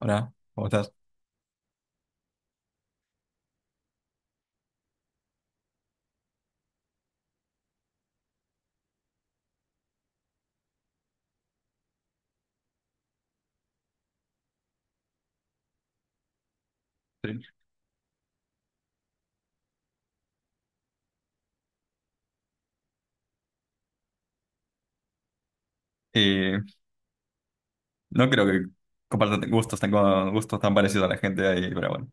Hola, ¿cómo estás? Sí. Eh, no creo que compartan con gustos tan parecidos a la gente ahí, pero bueno.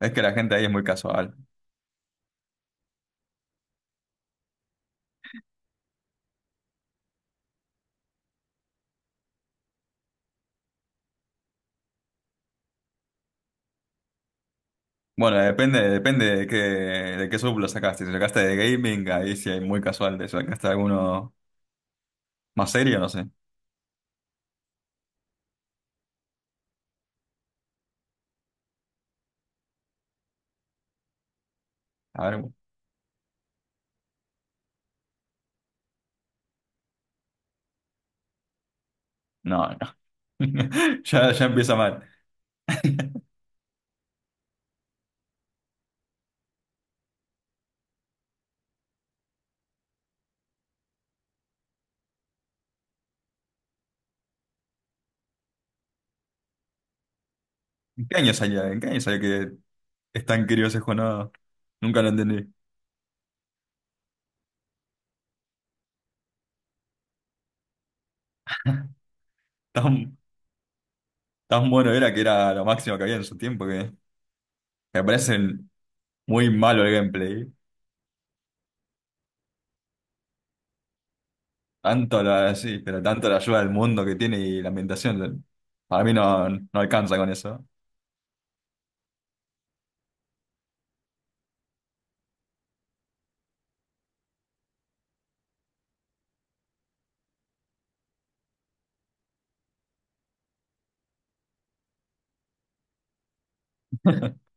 Es que la gente ahí es muy casual. Bueno, depende de de qué sub lo sacaste. Si sacaste de gaming, ahí sí hay muy casual. Si sacaste alguno más serio, no sé. A ver, bueno. No, no. Ya empieza mal. ¿En qué año salió? ¿En qué año salió que es tan querido ese juego? No, nunca lo entendí. Tan, Tan bueno era que era lo máximo que había en su tiempo que me parece muy malo el gameplay. Sí, pero tanto la ayuda del mundo que tiene y la ambientación, para mí no, no alcanza con eso.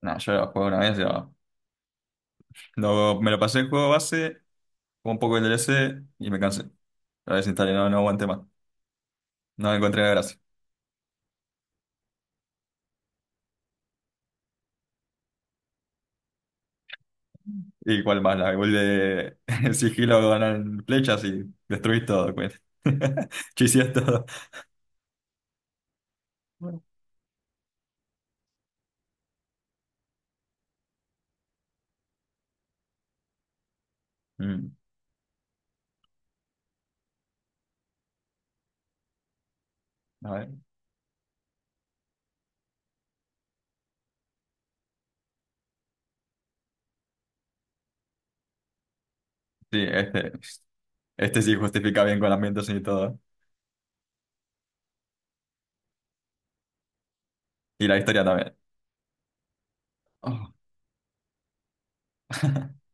No, yo lo jugué una vez, yo, lo- me lo pasé el juego base, con un poco el DLC y me cansé. Lo desinstalé, no, no aguanté más. No le encontré la gracia. ¿Y cuál más? La el de el sigilo ganan flechas y destruís todo, pues. Chiseás todo. Mm, a ver. Sí, este sí justifica bien con la ambientación y todo. Y la historia también. Oh.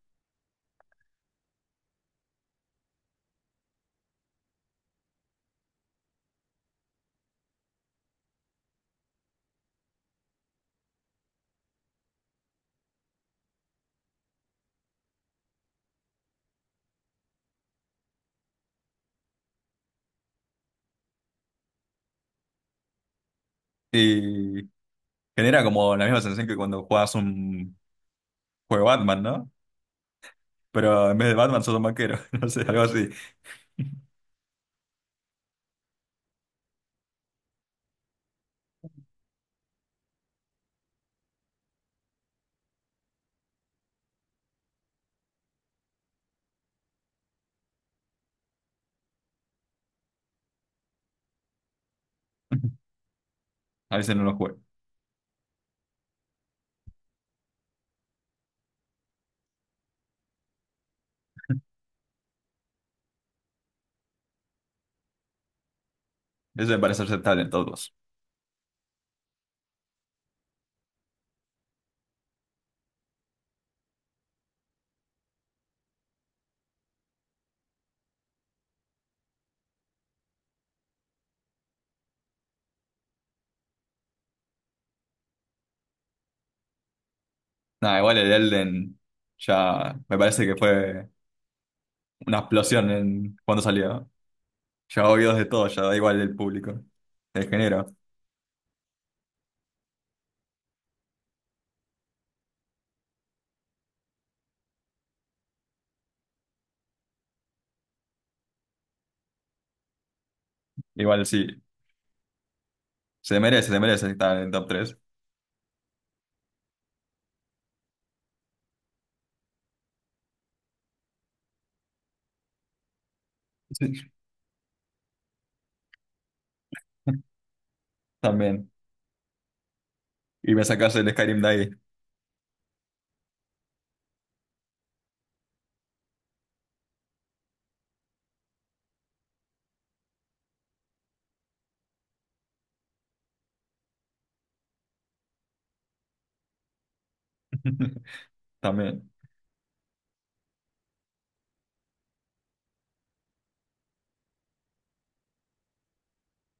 Y Genera como la misma sensación que cuando juegas un juego Batman, ¿no? Pero en vez de Batman sos un banquero, no sé, algo así. A veces no lo juego. Eso me parece aceptable en todos. Nada, igual el Elden ya me parece que fue una explosión en cuando salió. Ya oídos de todo, ya da igual el público. El género. Igual sí, se merece estar en el top tres. Sí. También. Y me sacas el Skyrim de ahí. También.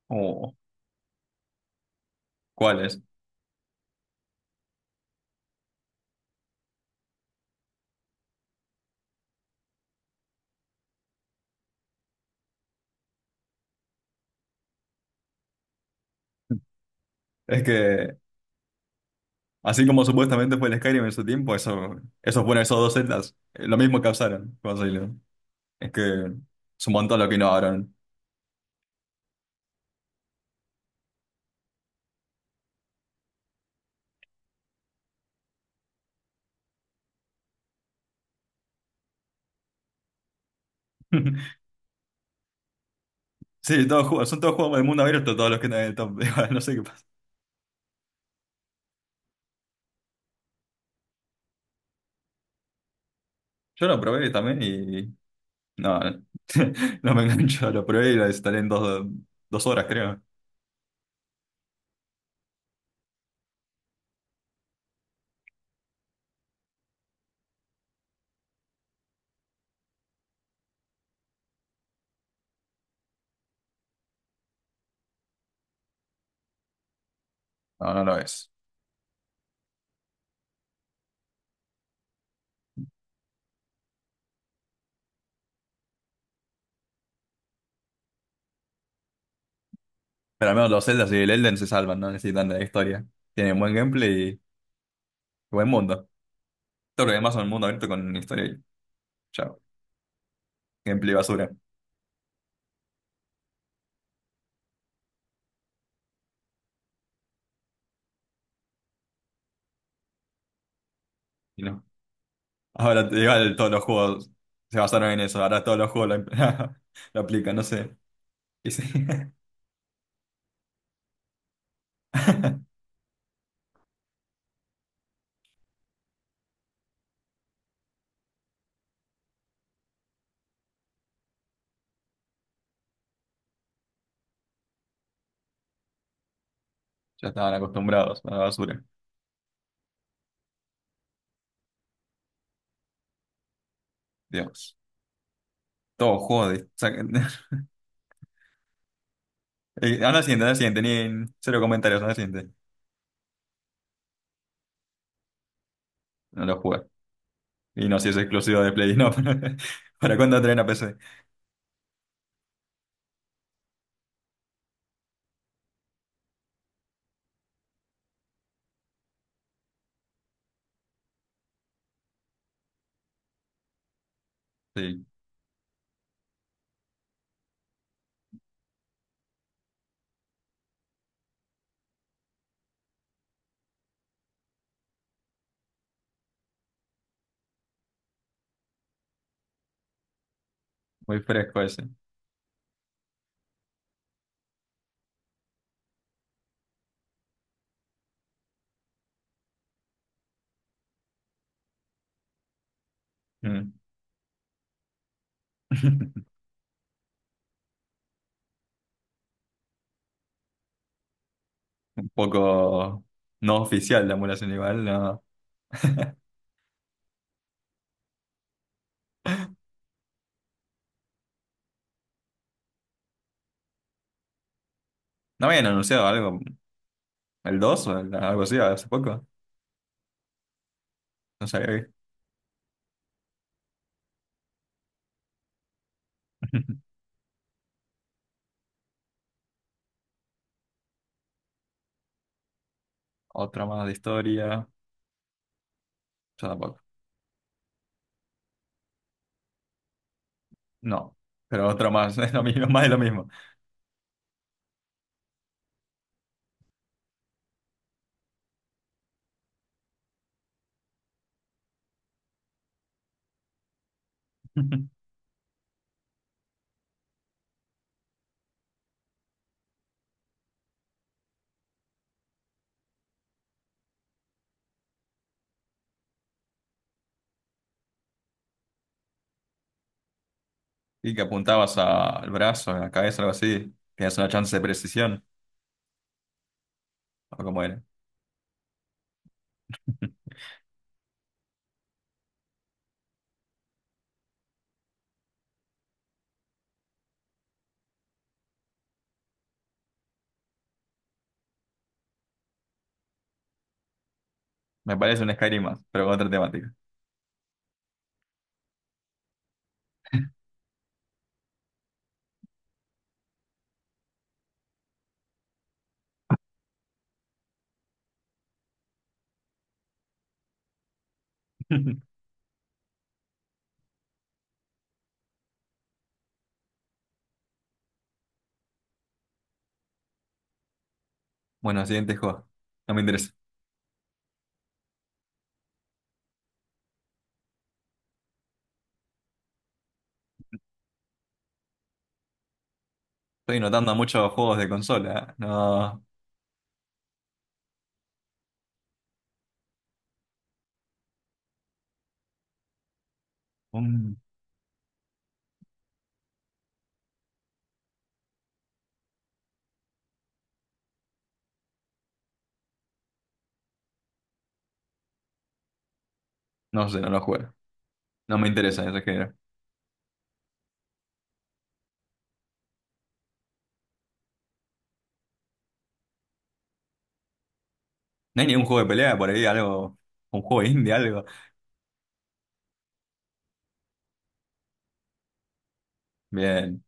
Oh, ¿cuál es? Es que así como supuestamente fue el Skyrim en su tiempo, eso fueron esos dos celdas. Lo mismo causaron. Es que es un montón lo que innovaron. Sí, son todos juegos del mundo abierto, todos los que están en el top. No sé qué pasa. Yo lo probé también y. No, no no me engancho. Lo probé y lo instalé en dos horas, creo. No, no lo es. Pero al menos los Zeldas y el Elden se salvan, no necesitan de la historia. Tienen buen gameplay y buen mundo. Todo lo demás son mundo abierto con historia y chao. Gameplay basura. Y no. Ahora igual todos los juegos se basaron en eso, ahora todos los juegos impl- lo aplican, no sé. Y sí. Ya estaban acostumbrados a la basura. Dios. Todo juego de... saquen- anda al siguiente, anda al siguiente, ni cero comentarios, anda al siguiente. No lo jugué. Y no sé si es exclusivo de Play, no. Para cuándo traen a PC? Sí, muy fresco ese. Mm. Un poco no oficial la emulación igual, no. No habían anunciado algo, el 2 o el- algo así hace poco. No sabía. ¿Otra más de historia, o tampoco? No, pero otra más, es lo mismo, más de lo mismo. Y que apuntabas al brazo, a la cabeza, algo así, tienes una chance de precisión, o como era. Me parece un Skyrim más, pero con otra temática. Bueno, siguiente juego, no me interesa. Estoy notando muchos juegos de consola, ¿eh? No, mm, no sé, no los juego, no me interesa ese género. No hay ningún juego de pelea por ahí, algo, un juego indie, algo. Bien,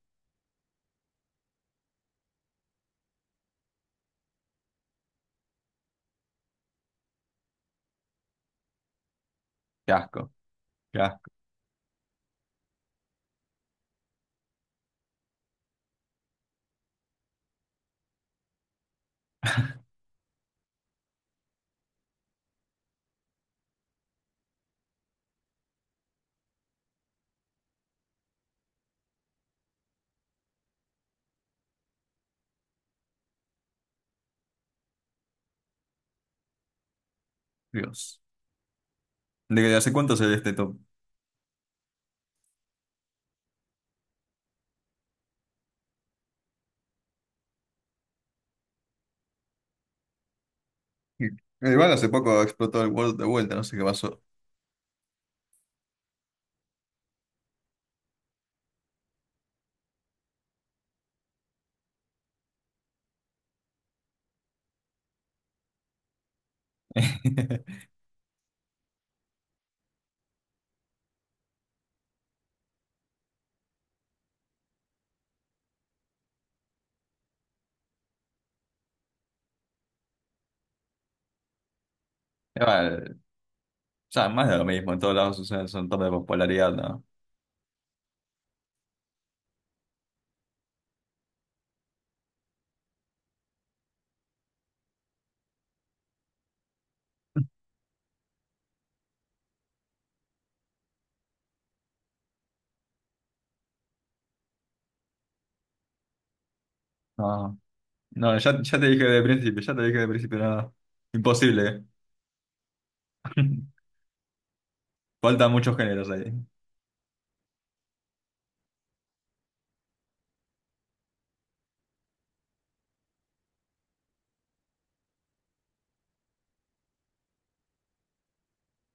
qué asco, qué asco, Dios. ¿De hace cuánto se ve este top? Sí. Igual hace poco explotó el World de vuelta, no sé qué pasó. Igual, ya más de lo mismo, en todos lados son top de popularidad, ¿no? No, no, ya te dije de principio, ya te dije de principio, nada. Imposible. Faltan muchos géneros ahí.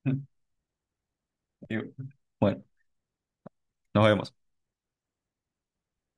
Y bueno, nos vemos.